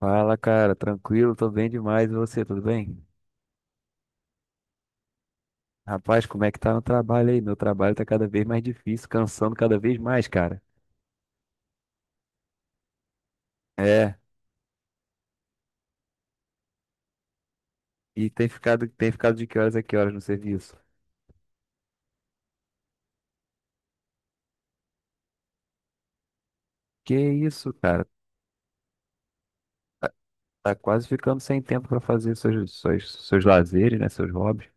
Fala, cara, tranquilo, tô bem demais. E você, tudo bem? Rapaz, como é que tá no trabalho aí? Meu trabalho tá cada vez mais difícil, cansando cada vez mais, cara. É, e tem ficado de que horas a que horas no serviço? Que isso, cara? Tá quase ficando sem tempo pra fazer seus, seus lazeres, né? Seus hobbies.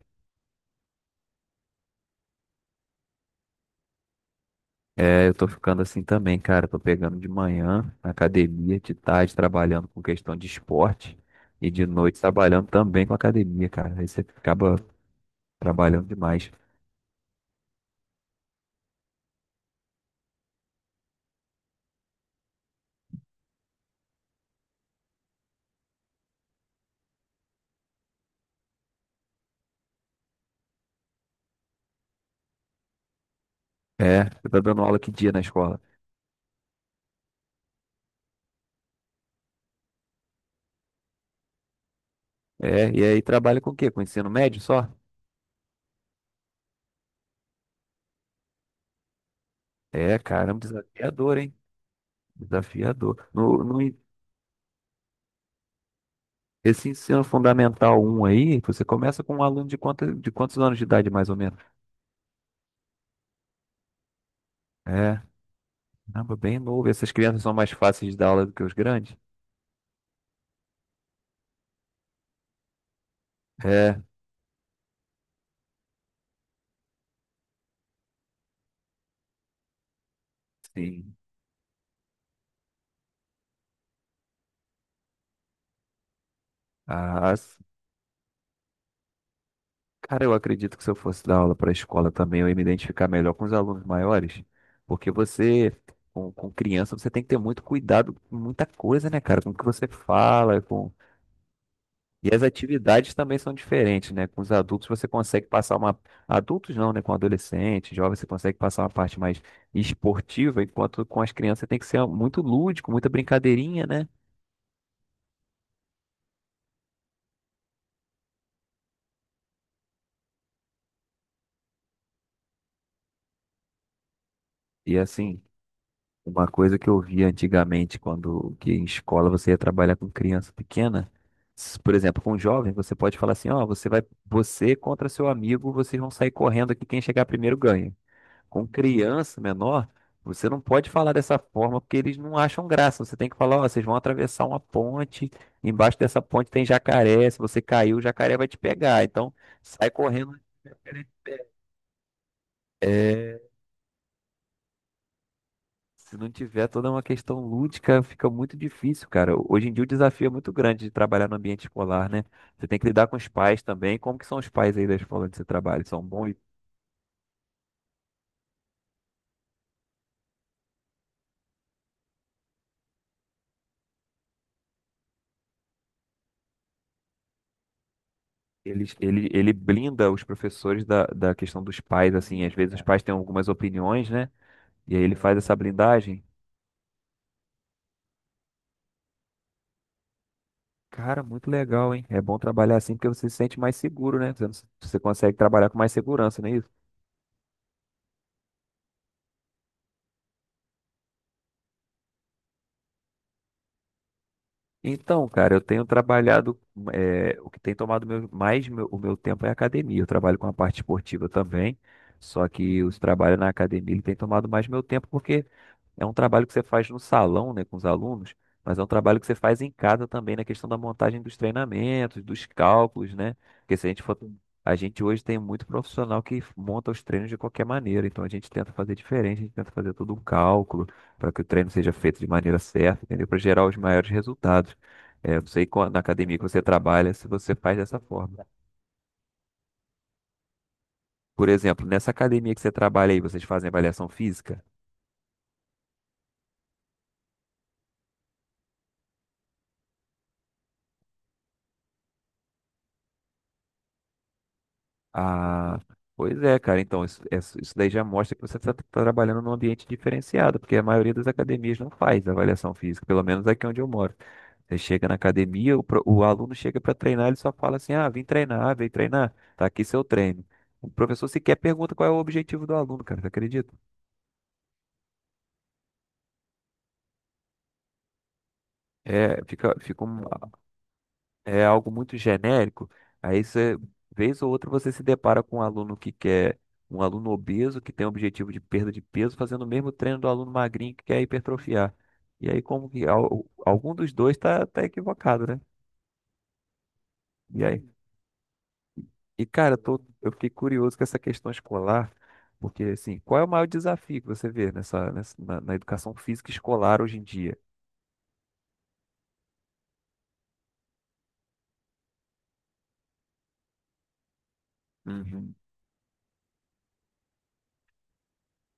É, eu tô ficando assim também, cara. Tô pegando de manhã na academia, de tarde trabalhando com questão de esporte e de noite trabalhando também com academia, cara. Aí você acaba trabalhando demais. É, você tá dando aula que dia na escola? É, e aí trabalha com o quê? Com ensino médio só? É, caramba, desafiador, hein? Desafiador. No, no, en- Esse ensino fundamental um aí, você começa com um aluno de quanto, de quantos anos de idade, mais ou menos? É, caramba, bem novo. Essas crianças são mais fáceis de dar aula do que os grandes? É, sim. Ah, cara, eu acredito que se eu fosse dar aula para a escola também, eu ia me identificar melhor com os alunos maiores, porque você, com criança, você tem que ter muito cuidado com muita coisa, né, cara? Com o que você fala, com... E as atividades também são diferentes, né? Com os adultos você consegue passar uma... Adultos não, né? Com adolescente, jovem, você consegue passar uma parte mais esportiva, enquanto com as crianças você tem que ser muito lúdico, muita brincadeirinha, né? E assim, uma coisa que eu via antigamente, quando que em escola você ia trabalhar com criança pequena, por exemplo, com jovem, você pode falar assim, ó, você vai, você contra seu amigo, vocês vão sair correndo aqui, quem chegar primeiro ganha. Com criança menor, você não pode falar dessa forma porque eles não acham graça. Você tem que falar, ó, vocês vão atravessar uma ponte, embaixo dessa ponte tem jacaré, se você cair, o jacaré vai te pegar. Então, sai correndo. É, se não tiver toda uma questão lúdica, fica muito difícil, cara. Hoje em dia o desafio é muito grande de trabalhar no ambiente escolar, né? Você tem que lidar com os pais também. Como que são os pais aí da escola onde você trabalha? São bons? Ele blinda os professores da, da questão dos pais, assim. Às vezes os pais têm algumas opiniões, né? E aí ele faz essa blindagem. Cara, muito legal, hein? É bom trabalhar assim porque você se sente mais seguro, né? Você, você consegue trabalhar com mais segurança, não é isso? Então, cara, eu tenho trabalhado, o que tem tomado o meu tempo é a academia. Eu trabalho com a parte esportiva também, só que os trabalhos na academia ele tem tomado mais meu tempo porque é um trabalho que você faz no salão, né, com os alunos, mas é um trabalho que você faz em casa também na questão da montagem dos treinamentos, dos cálculos, né? Porque se a gente for, a gente hoje tem muito profissional que monta os treinos de qualquer maneira, então a gente tenta fazer diferente, a gente tenta fazer todo um cálculo para que o treino seja feito de maneira certa, entendeu? Para gerar os maiores resultados. É, eu sei na academia que você trabalha, se você faz dessa forma. Por exemplo, nessa academia que você trabalha aí, vocês fazem avaliação física? Ah, pois é, cara. Então, isso, isso daí já mostra que você está trabalhando num ambiente diferenciado, porque a maioria das academias não faz avaliação física, pelo menos aqui onde eu moro. Você chega na academia, o aluno chega para treinar, ele só fala assim: ah, vim treinar, ah, vem treinar, tá aqui seu treino. O professor sequer pergunta qual é o objetivo do aluno, cara, você acredita? É, fica, fica um- É algo muito genérico, aí você, vez ou outra, você se depara com um aluno que quer, um aluno obeso que tem o objetivo de perda de peso, fazendo o mesmo treino do aluno magrinho que quer hipertrofiar. E aí, como que algum dos dois tá, tá equivocado, né? E aí, e cara, eu tô, eu fiquei curioso com essa questão escolar, porque assim, qual é o maior desafio que você vê na educação física escolar hoje em dia? Uhum.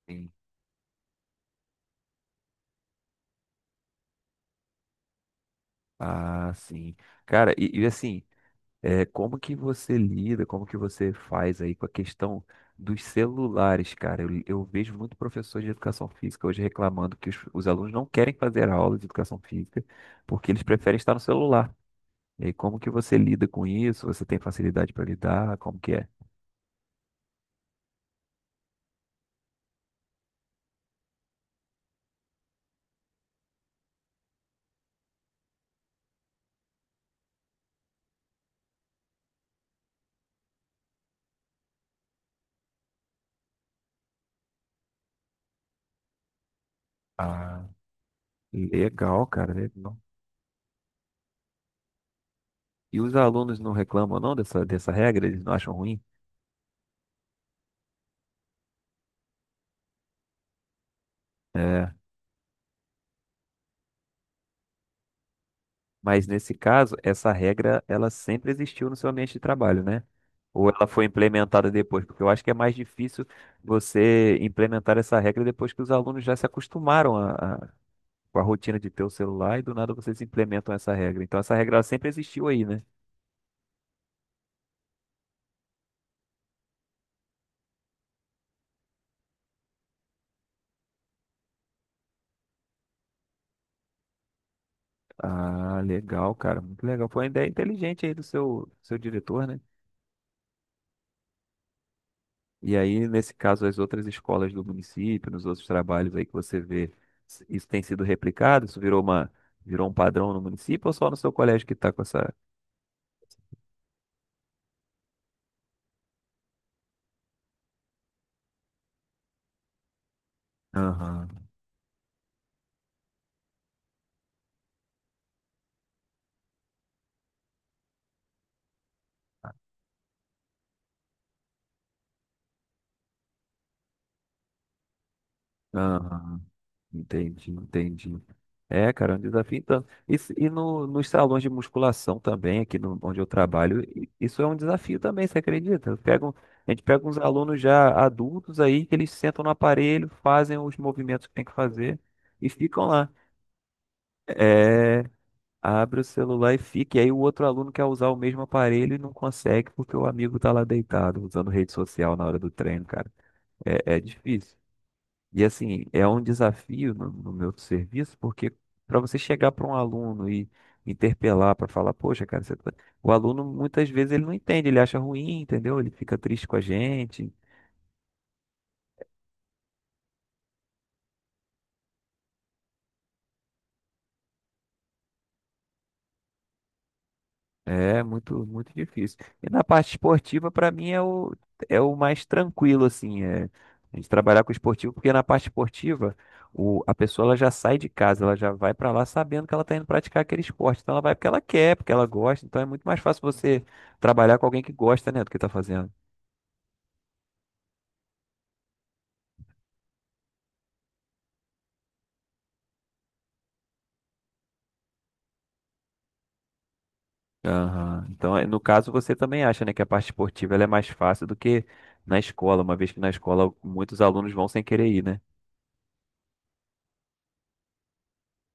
Sim. Ah, sim. Cara, e assim, é, como que você lida, como que você faz aí com a questão dos celulares, cara? Eu vejo muito professor de educação física hoje reclamando que os alunos não querem fazer aula de educação física porque eles preferem estar no celular. E aí, como que você lida com isso? Você tem facilidade para lidar? Como que é? Ah, legal, cara, legal. E os alunos não reclamam não dessa, dessa regra? Eles não acham ruim? É. Mas nesse caso, essa regra, ela sempre existiu no seu ambiente de trabalho, né? Ou ela foi implementada depois? Porque eu acho que é mais difícil você implementar essa regra depois que os alunos já se acostumaram com a rotina de ter o celular e do nada vocês implementam essa regra. Então essa regra ela sempre existiu aí, né? Ah, legal, cara. Muito legal. Foi uma ideia inteligente aí do seu, seu diretor, né? E aí, nesse caso, as outras escolas do município, nos outros trabalhos aí que você vê, isso tem sido replicado? Isso virou uma, virou um padrão no município ou só no seu colégio que está com essa. Aham, aham, entendi, entendi. É, cara, é um desafio tanto. E no, nos salões de musculação também, aqui no, onde eu trabalho, isso é um desafio também, você acredita? A gente pega uns alunos já adultos aí, que eles sentam no aparelho, fazem os movimentos que tem que fazer e ficam lá. É. Abre o celular e fica. E aí o outro aluno quer usar o mesmo aparelho e não consegue porque o amigo tá lá deitado usando rede social na hora do treino, cara. É, é difícil. E assim, é um desafio no, no meu serviço, porque para você chegar para um aluno e interpelar para falar, poxa, cara, você o aluno muitas vezes ele não entende, ele acha ruim, entendeu? Ele fica triste com a gente. É muito, muito difícil. E na parte esportiva, para mim, é o, é o mais tranquilo, assim, é, a gente trabalhar com esportivo, porque na parte esportiva, a pessoa ela já sai de casa, ela já vai para lá sabendo que ela está indo praticar aquele esporte. Então ela vai porque ela quer, porque ela gosta. Então é muito mais fácil você trabalhar com alguém que gosta, né, do que está fazendo. Aham. Então, no caso, você também acha, né, que a parte esportiva ela é mais fácil do que na escola, uma vez que na escola muitos alunos vão sem querer ir, né?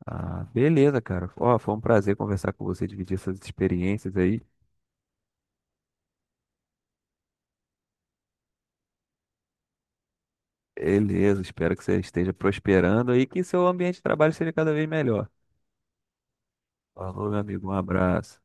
Ah, beleza, cara. Ó, foi um prazer conversar com você, dividir essas experiências aí. Beleza, espero que você esteja prosperando aí e que seu ambiente de trabalho seja cada vez melhor. Falou, meu amigo, um abraço.